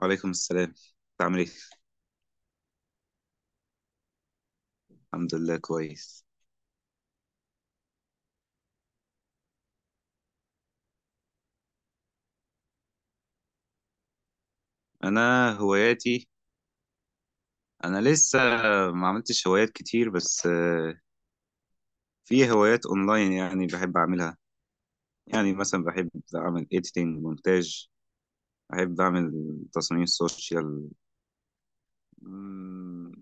وعليكم السلام. انت عامل ايه؟ الحمد لله، كويس. انا هواياتي، انا لسه ما عملتش هوايات كتير، بس في هوايات اونلاين يعني بحب اعملها. يعني مثلا بحب اعمل ايديتنج مونتاج. بحب اعمل تصميم سوشيال. مم،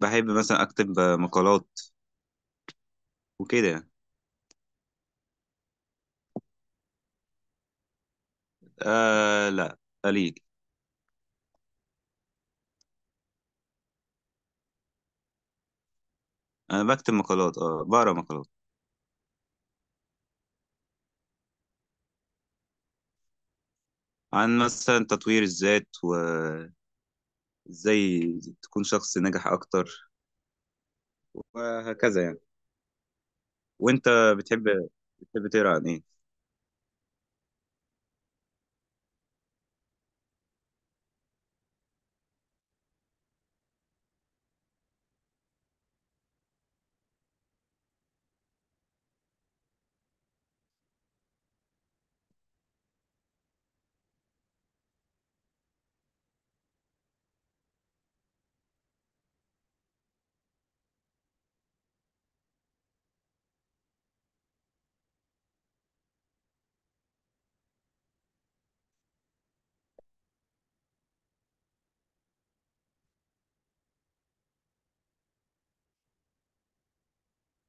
بحب مثلا اكتب مقالات وكده. آه، لا، قليل. انا بكتب مقالات، بقرا مقالات عن مثلا تطوير الذات، وازاي تكون شخص ناجح اكتر، وهكذا يعني. وانت بتحب بتحب تقرا عن ايه؟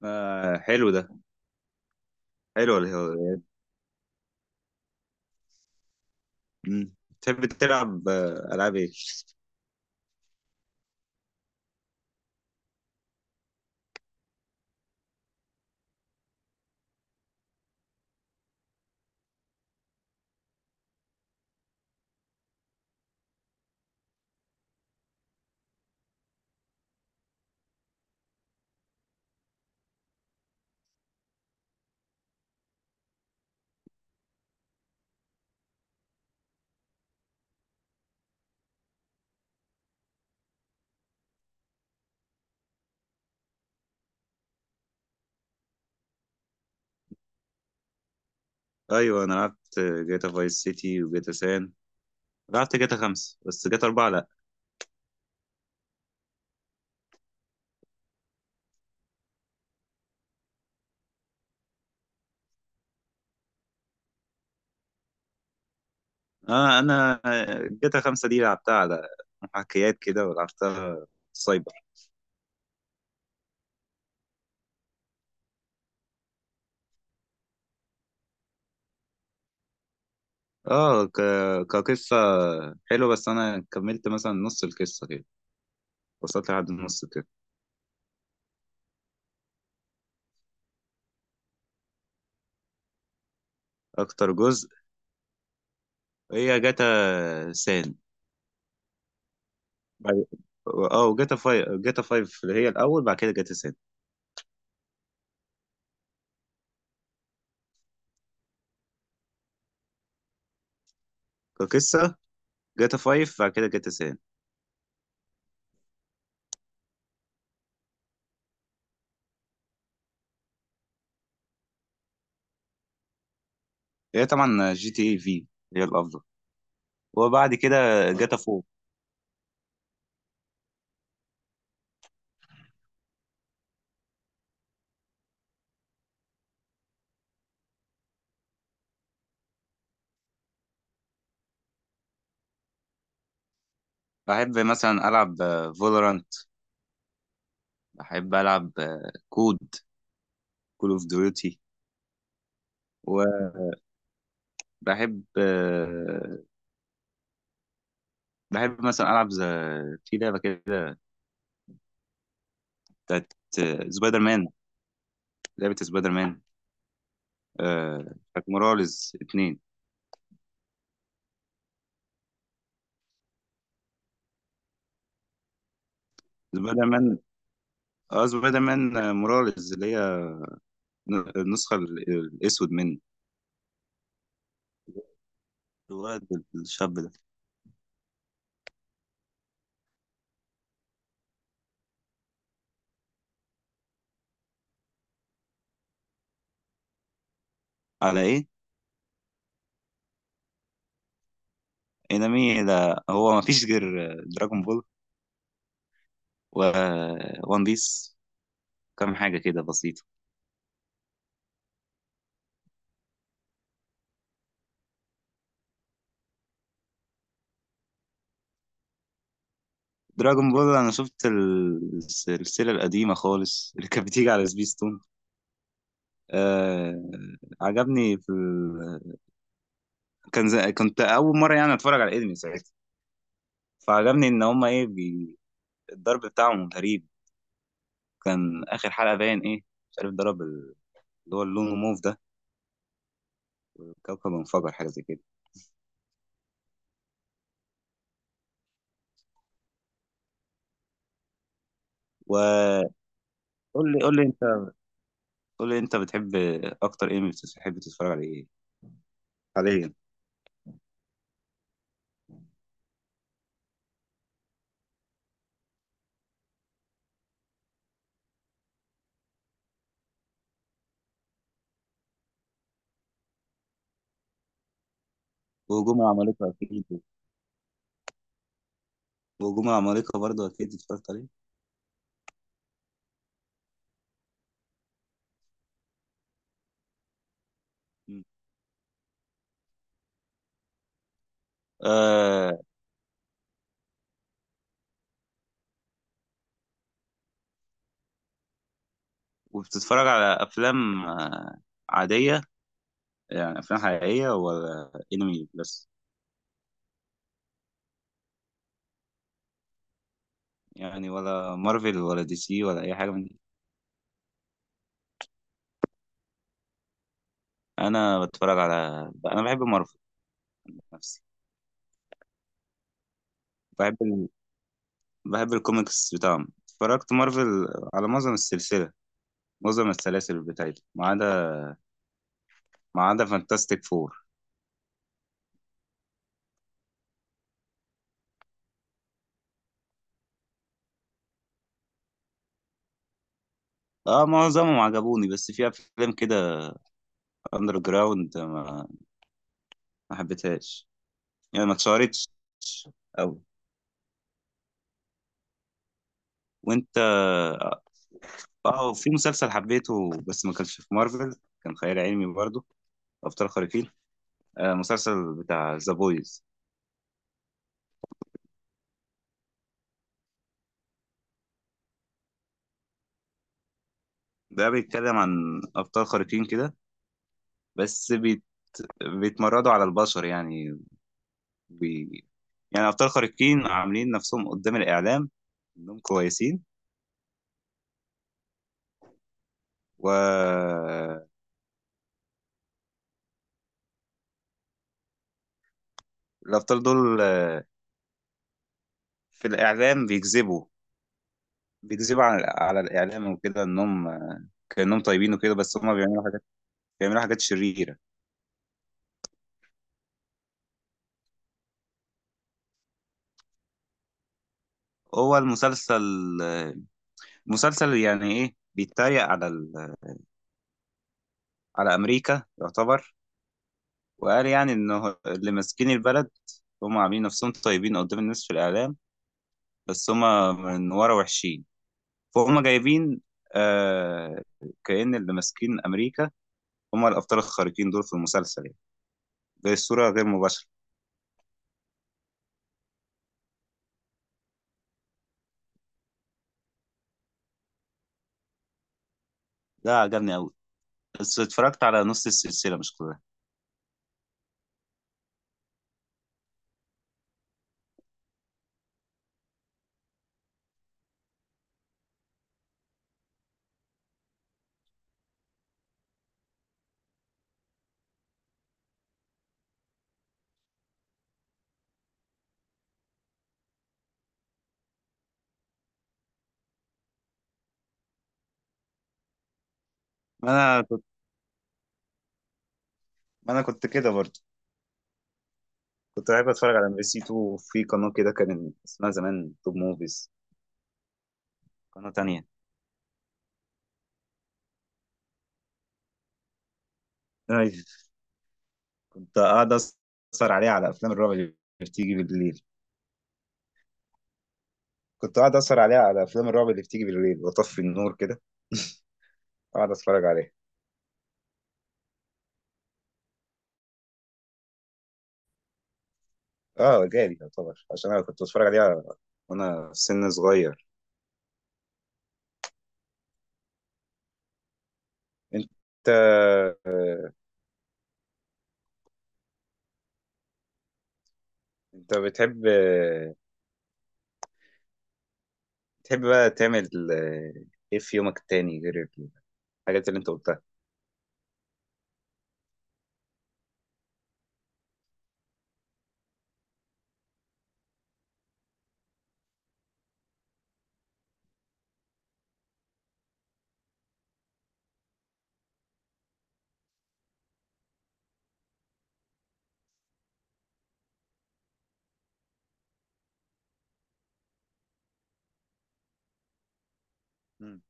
آه، حلو ده. حلو، اللي هو بتحب تلعب العاب ايه؟ ايوه، انا لعبت جاتا فايس سيتي وجاتا سان. لعبت جاتا 5، بس جاتا 4 لأ. أنا جاتا 5 دي لعبتها على محاكيات كده، ولعبتها سايبر. آه ك... كقصة حلوة، بس أنا كملت مثلا نص القصة كده، وصلت لحد النص كده. أكتر جزء هي جاتا سان. بعد- اه وجاتا فايف، جاتا فايف اللي هي الأول، بعد كده جاتا سان. كقصة، جاتا 5 بعد كده جاتا سان. هي طبعا جي تي اي في هي الأفضل، وبعد كده جاتا 4. بحب مثلا ألعب فولورانت. بحب ألعب كود، كول أوف ديوتي. وبحب آه، بحب مثلا ألعب في لعبة كده بتاعت سبايدر مان. لعبة سبايدر مان، آه، بتاعت موراليز 2. سبايدر مان اه سبايدر مان، موراليز اللي هي النسخة الأسود منه. الواد، الشاب ده. على ايه؟ انمي، ده هو ما فيش غير دراجون بول، وون بيس، كام حاجة كده بسيطة. دراجون بول أنا شفت السلسلة القديمة خالص اللي كانت بتيجي على سبيستون. آه عجبني في كنت أول مرة يعني أتفرج على الأنمي ساعتها. فعجبني إن هما الضرب بتاعهم غريب. كان آخر حلقة باين إيه، مش عارف ضرب اللي هو اللون موف ده، الكوكب انفجر، حاجة زي كده. وقول لي قول لي أنت قول لي أنت بتحب، أكتر أنمي بتحب تتفرج على إيه حاليا؟ وهجوم العمالقة أكيد وهجوم العمالقة برضه أكيد اتفرجت عليه. مم. آه وبتتفرج على أفلام عادية، يعني أفلام حقيقية ولا أنمي بس؟ يعني ولا مارفل ولا دي سي ولا أي حاجة من دي؟ أنا بتفرج على أنا بحب مارفل نفسي. بحب ال... بحب الكوميكس بتاعهم، اتفرجت مارفل على معظم السلسلة، معظم السلاسل بتاعتي، ما عدا فانتاستيك فور. اه، معظمهم عجبوني، بس في افلام كده اندر جراوند ما حبيتهاش، يعني ما اتشهرتش أوي. وانت؟ اه، في مسلسل حبيته بس ما كانش في مارفل، كان خيال علمي برضه، ابطال خارقين. مسلسل بتاع ذا بويز. ده بيتكلم عن ابطال خارقين كده، بس بيتمردوا على البشر، يعني بي... يعني ابطال خارقين عاملين نفسهم قدام الاعلام انهم كويسين، والابطال دول في الاعلام بيكذبوا على الإعلام وكده، إنهم كأنهم طيبين وكده، بس هما بيعملوا حاجات شريرة. هو المسلسل، آه، مسلسل يعني إيه، بيتريق على أمريكا يعتبر، وقال يعني إنه اللي ماسكين البلد هما عاملين نفسهم طيبين قدام الناس في الإعلام، بس هما من ورا وحشين. فهم جايبين، آه كأن اللي ماسكين أمريكا هما الأبطال الخارقين دول في المسلسل، يعني. دي الصورة غير مباشرة. ده عجبني أوي، بس اتفرجت على نص السلسلة مش كلها. ما انا كنت ما انا كنت كده برضه. كنت بحب اتفرج على ام بي سي 2، في قناه كده كان اسمها زمان توب موفيز، قناه تانية. أيوة. كنت قاعد اسهر عليها على افلام الرعب اللي بتيجي بالليل كنت قاعد اسهر عليها على افلام الرعب اللي بتيجي بالليل، واطفي النور كده، اقعد اتفرج عليها. اه، جالي يعتبر، عشان انا كنت بتفرج عليها وانا في سن صغير. انت آه، انت بتحب بقى تعمل ايه في يومك التاني غير الحاجات اللي انت قلتها؟ مم.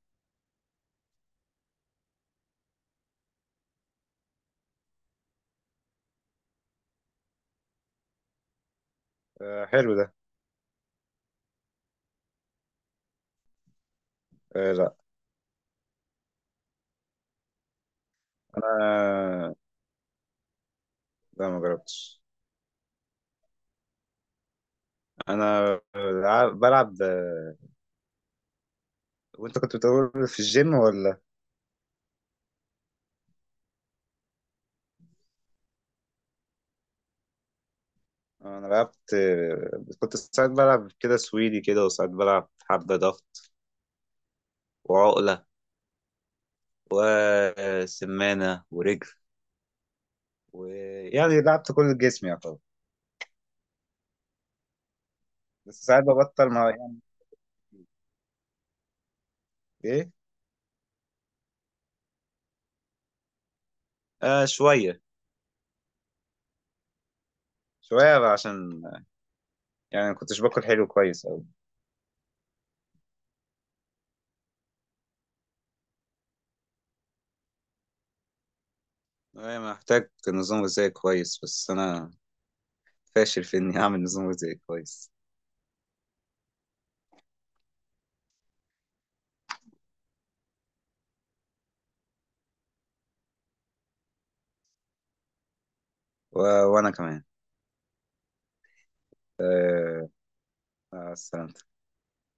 آه، حلو ده. آه، لا. انا لا، ما جربتش. انا بلعب، وانت كنت بتقول في الجيم ولا؟ انا لعبت آه، كنت ساعات بلعب كده سويدي كده، وساعات بلعب حبة ضغط، وعقلة، وسمانة ورجل، ويعني لعبت كل جسمي يعتبر. بس ساعات ببطل، مع، يعني. ايه؟ شوية، شوية بقى، عشان يعني ما كنتش باكل حلو كويس أوي. أنا محتاج نظام غذائي كويس، بس أنا فاشل في إني أعمل نظام غذائي كويس. و... وانا كمان. أه... مع السلامة.